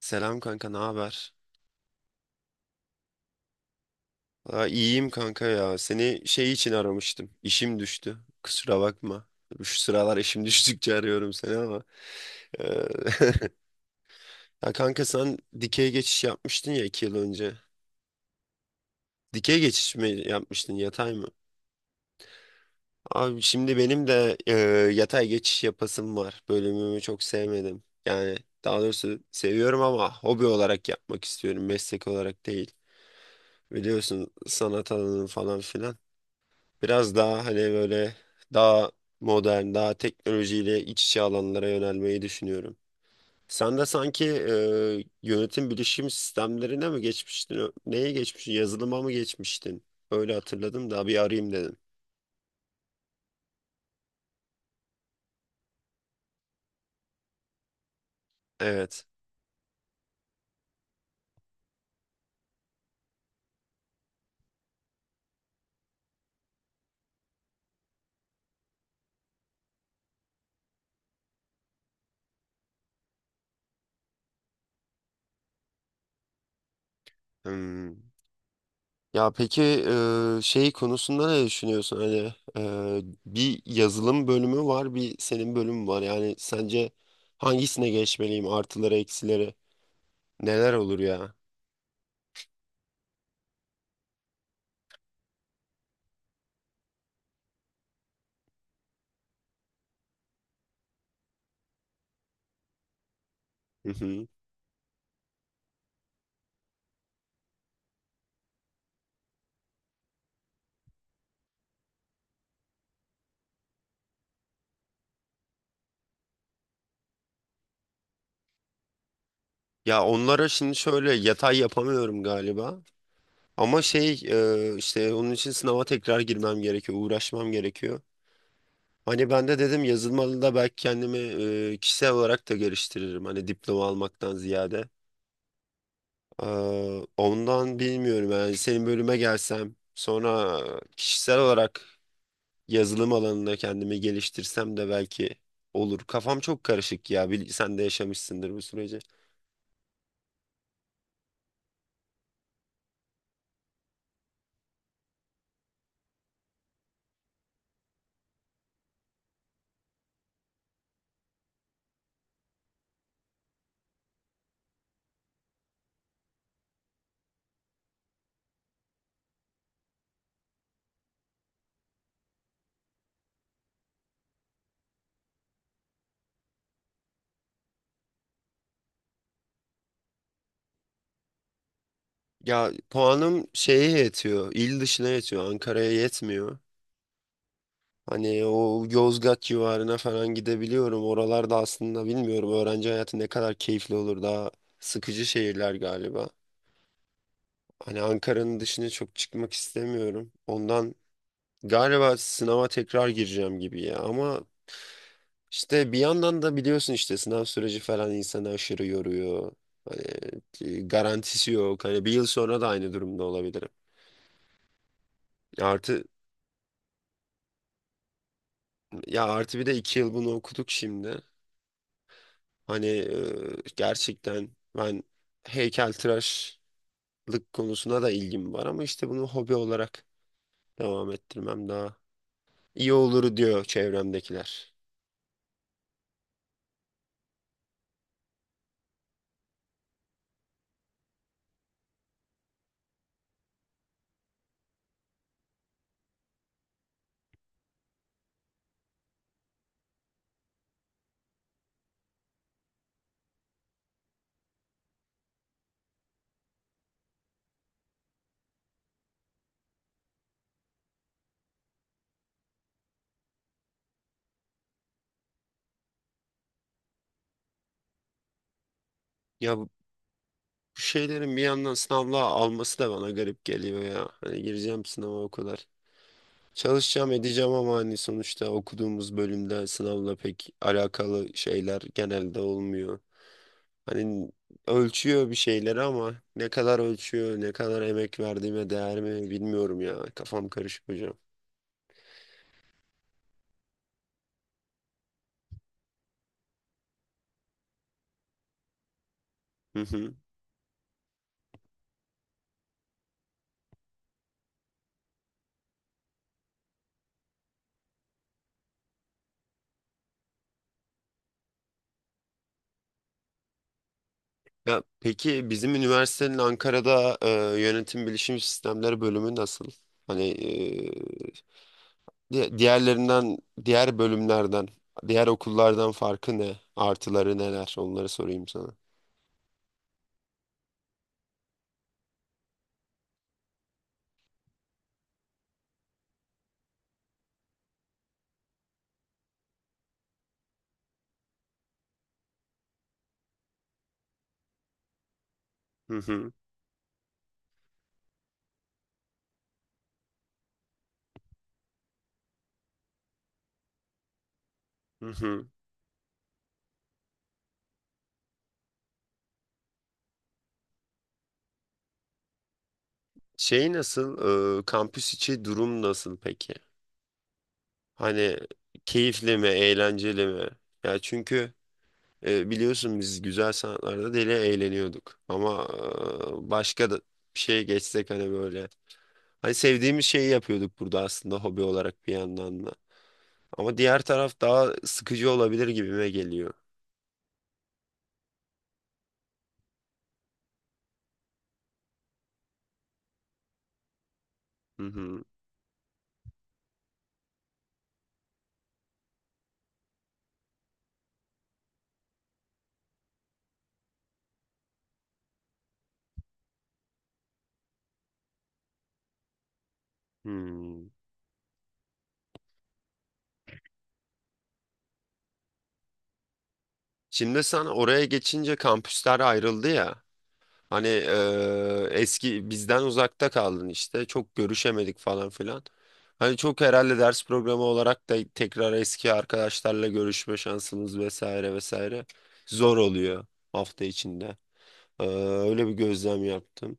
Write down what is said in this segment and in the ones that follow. Selam kanka, ne haber? İyiyim kanka ya. Seni şey için aramıştım. İşim düştü. Kusura bakma. Şu sıralar işim düştükçe arıyorum seni ama. Ee, Ya kanka sen dikey geçiş yapmıştın ya 2 yıl önce. Dikey geçiş mi yapmıştın, yatay mı? Abi şimdi benim de yatay geçiş yapasım var. Bölümümü çok sevmedim. Yani daha doğrusu seviyorum ama hobi olarak yapmak istiyorum. Meslek olarak değil. Biliyorsun sanat alanı falan filan. Biraz daha hani böyle daha modern, daha teknolojiyle iç içe alanlara yönelmeyi düşünüyorum. Sen de sanki yönetim bilişim sistemlerine mi geçmiştin? Neye geçmiştin? Yazılıma mı geçmiştin? Öyle hatırladım da bir arayayım dedim. Evet. Hmm. Ya peki şey konusunda ne düşünüyorsun? Hani bir yazılım bölümü var, bir senin bölümün var. Yani sence hangisine geçmeliyim? Artıları, eksileri neler olur ya? Ya onlara şimdi şöyle yatay yapamıyorum galiba. Ama şey işte onun için sınava tekrar girmem gerekiyor, uğraşmam gerekiyor. Hani ben de dedim yazılmalı da belki kendimi kişisel olarak da geliştiririm. Hani diploma almaktan ziyade. Ondan bilmiyorum yani senin bölüme gelsem sonra kişisel olarak yazılım alanında kendimi geliştirsem de belki olur. Kafam çok karışık ya. Sen de yaşamışsındır bu süreci. Ya puanım şeye yetiyor. İl dışına yetiyor. Ankara'ya yetmiyor. Hani o Yozgat civarına falan gidebiliyorum. Oralarda aslında bilmiyorum öğrenci hayatı ne kadar keyifli olur. Daha sıkıcı şehirler galiba. Hani Ankara'nın dışına çok çıkmak istemiyorum. Ondan galiba sınava tekrar gireceğim gibi ya. Ama işte bir yandan da biliyorsun işte sınav süreci falan insanı aşırı yoruyor. Hani garantisi yok. Hani 1 yıl sonra da aynı durumda olabilirim. Artı ya artı bir de 2 yıl bunu okuduk şimdi. Hani gerçekten ben heykeltıraşlık konusuna da ilgim var ama işte bunu hobi olarak devam ettirmem daha iyi olur diyor çevremdekiler. Ya bu şeylerin bir yandan sınavla alması da bana garip geliyor ya. Hani gireceğim sınava o kadar. Çalışacağım edeceğim ama hani sonuçta okuduğumuz bölümde sınavla pek alakalı şeyler genelde olmuyor. Hani ölçüyor bir şeyleri ama ne kadar ölçüyor, ne kadar emek verdiğime değer mi bilmiyorum ya. Kafam karışık hocam. Hı hı. Ya peki bizim üniversitenin Ankara'da yönetim bilişim sistemleri bölümü nasıl? Hani diğerlerinden, diğer bölümlerden, diğer okullardan farkı ne? Artıları neler? Onları sorayım sana. Hı hı. Hı hı. Şey nasıl? E, kampüs içi durum nasıl peki? Hani keyifli mi, eğlenceli mi? Ya çünkü biliyorsun biz güzel sanatlarda deli eğleniyorduk. Ama başka da bir şeye geçsek hani böyle. Hani sevdiğimiz şeyi yapıyorduk burada aslında hobi olarak bir yandan da. Ama diğer taraf daha sıkıcı olabilir gibime geliyor. Hı hı. Hmm. Şimdi sen oraya geçince kampüsler ayrıldı ya. Hani eski bizden uzakta kaldın işte çok görüşemedik falan filan. Hani çok herhalde ders programı olarak da tekrar eski arkadaşlarla görüşme şansımız vesaire vesaire zor oluyor hafta içinde. Eee, Öyle bir gözlem yaptım.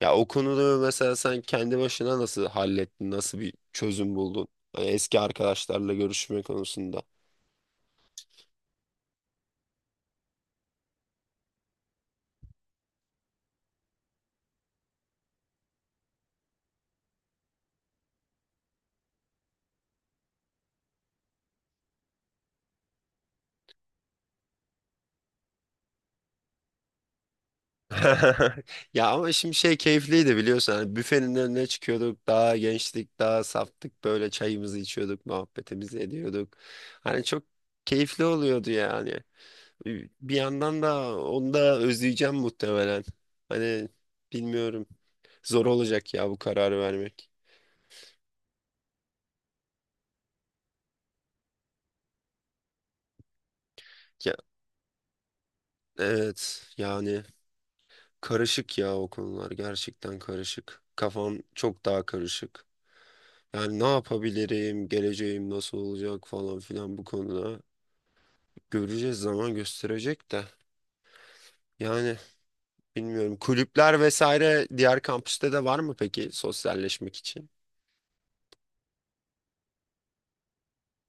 Ya o konuda mesela sen kendi başına nasıl hallettin, nasıl bir çözüm buldun? Hani eski arkadaşlarla görüşme konusunda. Ya ama şimdi şey keyifliydi biliyorsun. Hani büfenin önüne çıkıyorduk. Daha gençtik, daha saftık. Böyle çayımızı içiyorduk, muhabbetimizi ediyorduk. Hani çok keyifli oluyordu yani. Bir yandan da onu da özleyeceğim muhtemelen. Hani bilmiyorum. Zor olacak ya bu kararı vermek. Ya, evet yani karışık ya o konular gerçekten karışık. Kafam çok daha karışık. Yani ne yapabilirim, geleceğim nasıl olacak falan filan bu konuda. Göreceğiz zaman gösterecek de. Yani bilmiyorum kulüpler vesaire diğer kampüste de var mı peki sosyalleşmek için?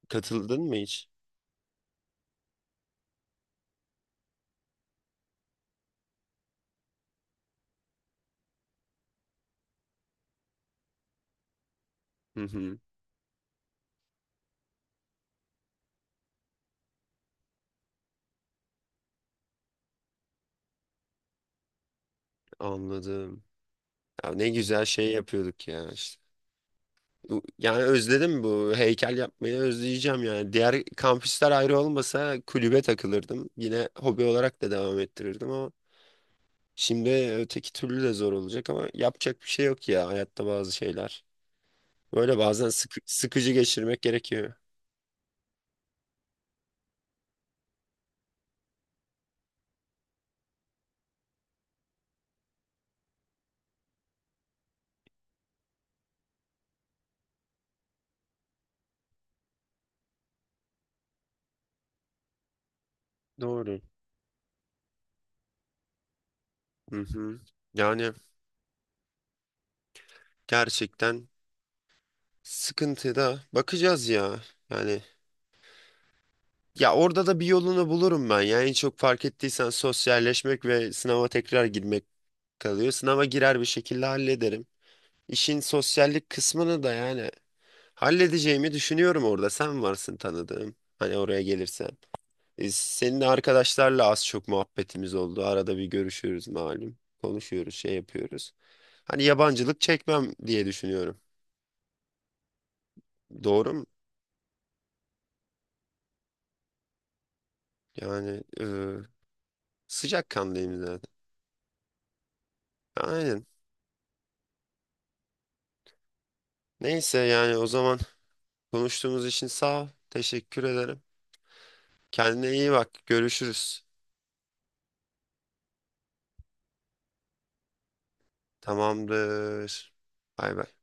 Katıldın mı hiç? Hı hı, anladım. Ya ne güzel şey yapıyorduk ya işte. Yani özledim bu heykel yapmayı özleyeceğim yani. Diğer kampüsler ayrı olmasa kulübe takılırdım. Yine hobi olarak da devam ettirirdim ama şimdi öteki türlü de zor olacak ama yapacak bir şey yok ya hayatta bazı şeyler. Böyle bazen sıkıcı geçirmek gerekiyor. Doğru. Hı hı. Yani gerçekten sıkıntıda bakacağız ya. Yani ya orada da bir yolunu bulurum ben. Yani en çok fark ettiysen sosyalleşmek ve sınava tekrar girmek kalıyor. Sınava girer bir şekilde hallederim. İşin sosyallik kısmını da yani halledeceğimi düşünüyorum orada. Sen varsın tanıdığım. Hani oraya gelirse. Senin arkadaşlarla az çok muhabbetimiz oldu. Arada bir görüşüyoruz malum. Konuşuyoruz, şey yapıyoruz. Hani yabancılık çekmem diye düşünüyorum. Doğru mu? Yani sıcakkanlıyım zaten. Aynen. Neyse yani o zaman konuştuğumuz için sağ ol. Teşekkür ederim. Kendine iyi bak. Görüşürüz. Tamamdır. Bay bay.